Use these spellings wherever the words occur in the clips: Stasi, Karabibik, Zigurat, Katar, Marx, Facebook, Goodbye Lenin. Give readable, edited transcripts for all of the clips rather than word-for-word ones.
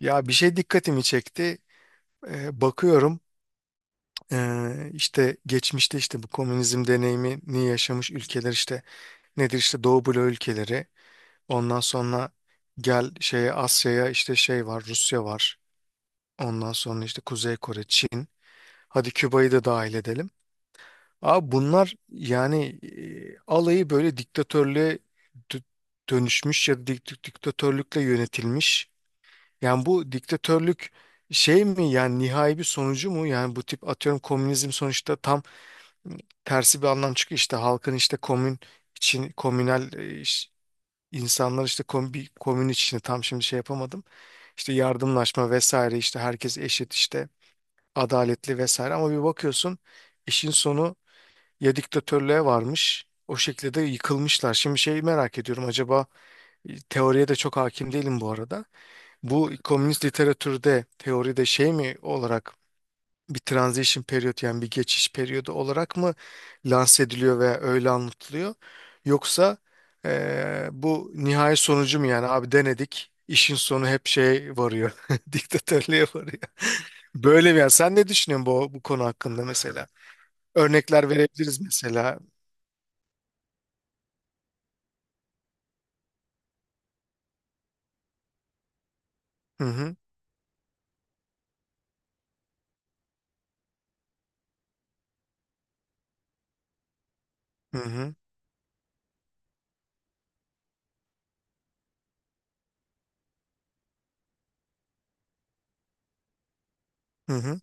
Ya bir şey dikkatimi çekti. Bakıyorum, işte geçmişte işte bu komünizm deneyimini yaşamış ülkeler, işte nedir, işte Doğu Bloğu ülkeleri. Ondan sonra gel şeye, Asya'ya, işte şey var, Rusya var. Ondan sonra işte Kuzey Kore, Çin. Hadi Küba'yı da dahil edelim. Abi bunlar yani alayı böyle diktatörlüğe dö- dönüşmüş ya da diktatörlükle yönetilmiş. Yani bu diktatörlük şey mi yani, nihai bir sonucu mu? Yani bu tip, atıyorum, komünizm sonuçta tam tersi bir anlam çıkıyor. İşte halkın, işte komün için, komünel, insanlar işte kom, bir komün içinde, tam şimdi şey yapamadım. İşte yardımlaşma vesaire, işte herkes eşit, işte adaletli vesaire, ama bir bakıyorsun işin sonu ya diktatörlüğe varmış. O şekilde de yıkılmışlar. Şimdi şeyi merak ediyorum acaba. Teoriye de çok hakim değilim bu arada. Bu komünist literatürde, teoride, şey mi olarak, bir transition period, yani bir geçiş periyodu olarak mı lanse ediliyor veya öyle anlatılıyor? Yoksa bu nihai sonucu mu, yani abi denedik, işin sonu hep şey varıyor, diktatörlüğe varıyor. Böyle mi yani? Sen ne düşünüyorsun bu, bu konu hakkında mesela? Örnekler verebiliriz mesela. Hı hı, hı hı, hı. Hı.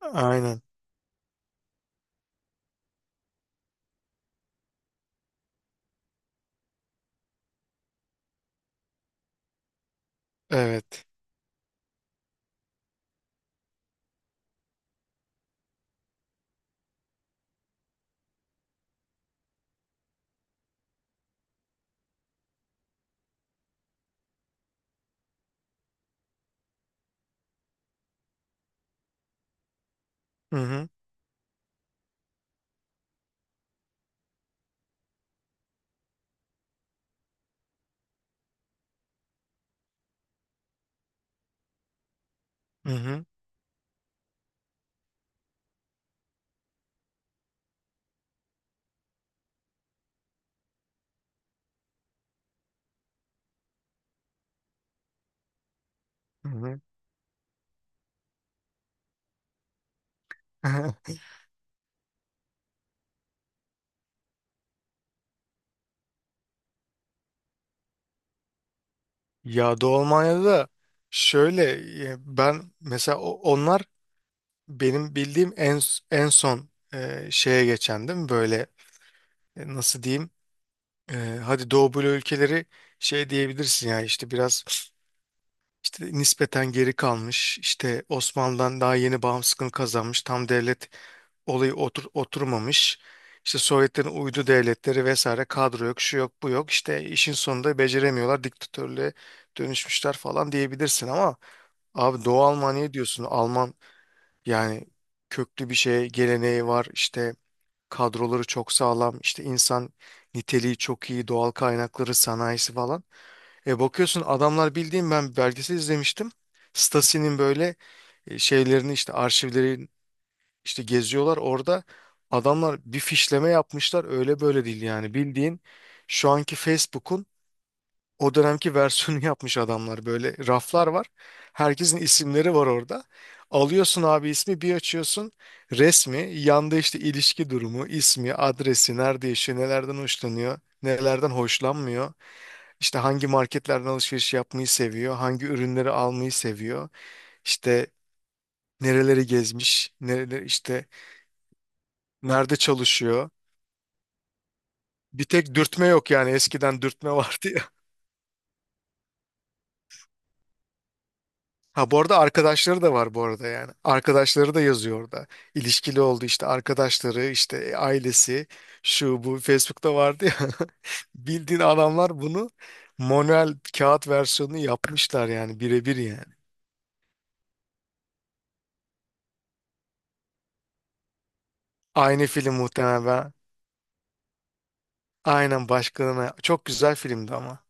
Aynen. Evet. Hı hı, hı hı. Hı hı. Ya Doğu Almanya'da da şöyle, ben mesela onlar benim bildiğim en en son, şeye geçen değil mi? Böyle, nasıl diyeyim? E, Hadi Doğu Bloğu ülkeleri, şey diyebilirsin ya, işte biraz işte nispeten geri kalmış, işte Osmanlı'dan daha yeni bağımsızlığını kazanmış. Tam devlet olayı oturmamış. İşte Sovyetlerin uydu devletleri vesaire, kadro yok, şu yok, bu yok. İşte işin sonunda beceremiyorlar, diktatörlüğe dönüşmüşler falan diyebilirsin ama abi Doğu Almanya diyorsun. Alman yani, köklü bir şey, geleneği var. İşte kadroları çok sağlam. İşte insan niteliği çok iyi. Doğal kaynakları, sanayisi falan. E bakıyorsun adamlar, bildiğim, ben belgesel izlemiştim. Stasi'nin böyle, şeylerini, işte arşivleri işte geziyorlar. Orada adamlar bir fişleme yapmışlar. Öyle böyle değil yani. Bildiğin şu anki Facebook'un o dönemki versiyonu yapmış adamlar, böyle raflar var. Herkesin isimleri var orada. Alıyorsun abi ismi, bir açıyorsun, resmi yanda, işte ilişki durumu, ismi, adresi, nerede yaşıyor, nelerden hoşlanıyor, nelerden hoşlanmıyor. İşte hangi marketlerden alışveriş yapmayı seviyor, hangi ürünleri almayı seviyor, işte nereleri gezmiş, nereleri, işte nerede çalışıyor. Bir tek dürtme yok yani, eskiden dürtme vardı. Ha, bu arada arkadaşları da var bu arada yani. Arkadaşları da yazıyor orada. İlişkili oldu işte arkadaşları, işte, ailesi, şu bu Facebook'ta vardı ya. Bildiğin adamlar bunu manuel kağıt versiyonunu yapmışlar, yani birebir yani. Aynı film muhtemelen. Aynen, başkalarına. Çok güzel filmdi ama.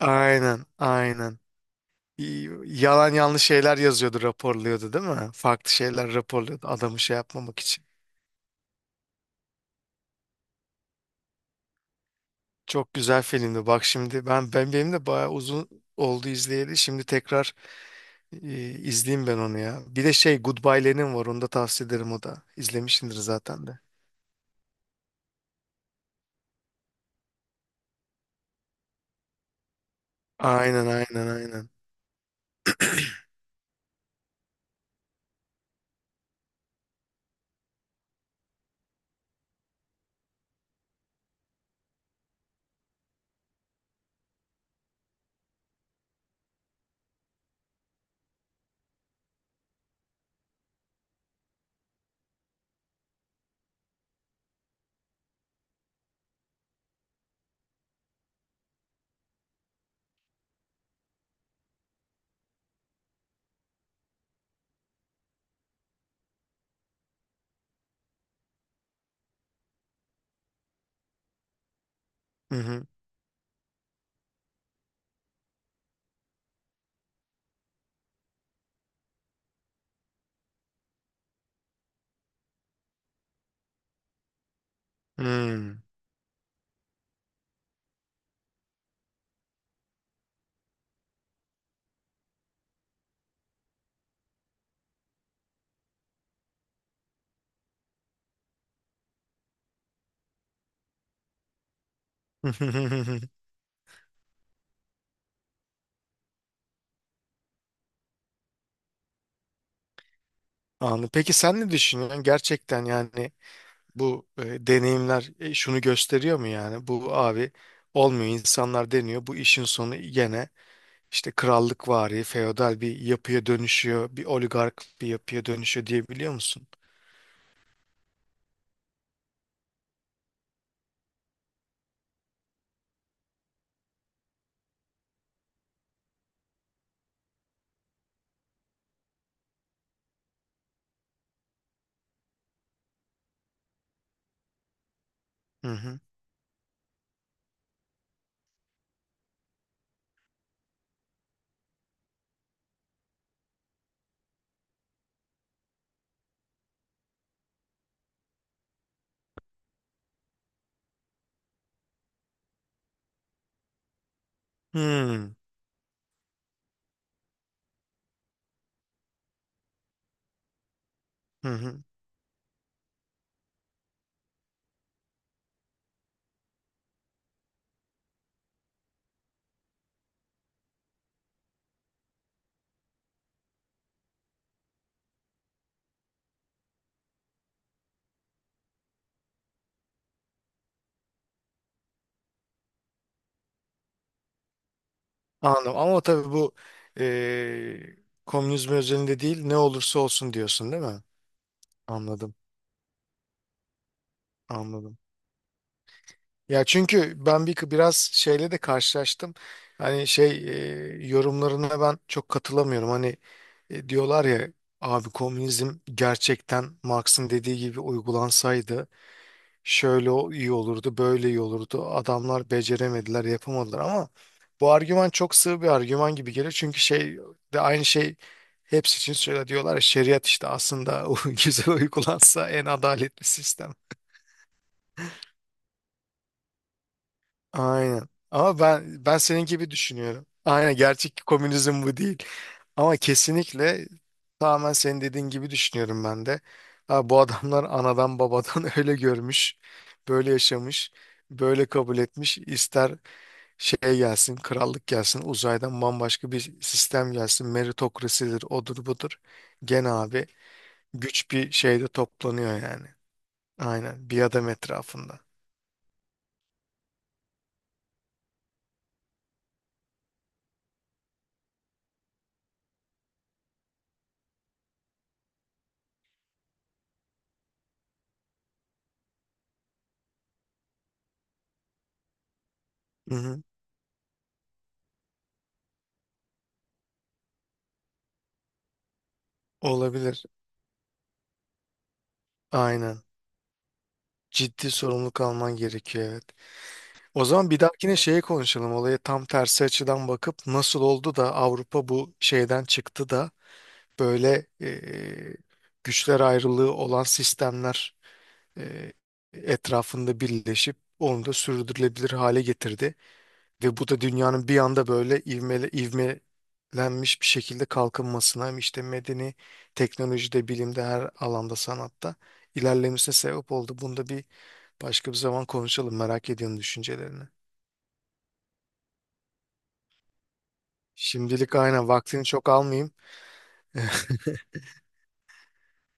Aynen, aynen. Yalan yanlış şeyler yazıyordu, raporluyordu değil mi? Farklı şeyler raporluyordu, adamı şey yapmamak için. Çok güzel filmdi. Bak şimdi, ben benim de bayağı uzun oldu izleyeli. Şimdi tekrar izleyeyim ben onu ya. Bir de şey Goodbye Lenin var. Onu da tavsiye ederim, o da. İzlemişsindir zaten de. Aynen, aynen, aynen. Hı hı. Hmm. Anladım. Peki sen ne düşünüyorsun? Gerçekten yani bu, deneyimler, şunu gösteriyor mu yani? Bu abi olmuyor, insanlar deniyor, bu işin sonu gene işte krallıkvari, feodal bir yapıya dönüşüyor, bir oligark bir yapıya dönüşüyor diyebiliyor musun? Hı hı. Hmm. Hı hı. Anladım. Ama tabii bu eee komünizm özelinde değil, ne olursa olsun diyorsun değil mi? Anladım. Anladım. Ya çünkü ben bir biraz şeyle de karşılaştım. Hani şey, yorumlarına ben çok katılamıyorum. Hani, diyorlar ya, abi komünizm gerçekten Marx'ın dediği gibi uygulansaydı şöyle iyi olurdu, böyle iyi olurdu. Adamlar beceremediler, yapamadılar, ama bu argüman çok sığ bir argüman gibi gelir. Çünkü şey de aynı şey, hepsi için söyle diyorlar ya, şeriat işte aslında o güzel uygulansa en adaletli sistem. Aynen. Ama ben senin gibi düşünüyorum. Aynen, gerçek komünizm bu değil. Ama kesinlikle tamamen senin dediğin gibi düşünüyorum ben de. Ha, bu adamlar anadan babadan öyle görmüş, böyle yaşamış, böyle kabul etmiş. İster şey gelsin, krallık gelsin, uzaydan bambaşka bir sistem gelsin, meritokrasidir, odur budur. Gene abi güç bir şeyde toplanıyor yani. Aynen, bir adam etrafında. Hı hı. Olabilir. Aynen. Ciddi sorumluluk alman gerekiyor, evet. O zaman bir dahakine şeye konuşalım. Olaya tam tersi açıdan bakıp nasıl oldu da Avrupa bu şeyden çıktı da böyle, güçler ayrılığı olan sistemler e, etrafında birleşip onu da sürdürülebilir hale getirdi. Ve bu da dünyanın bir anda böyle ivmelenmiş bir şekilde kalkınmasına, hem işte medeni, teknolojide, bilimde, her alanda, sanatta ilerlemesine sebep oldu. Bunu da bir başka bir zaman konuşalım. Merak ediyorum düşüncelerini. Şimdilik aynen, vaktini çok almayayım.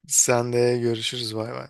Sen de görüşürüz. Bay bay.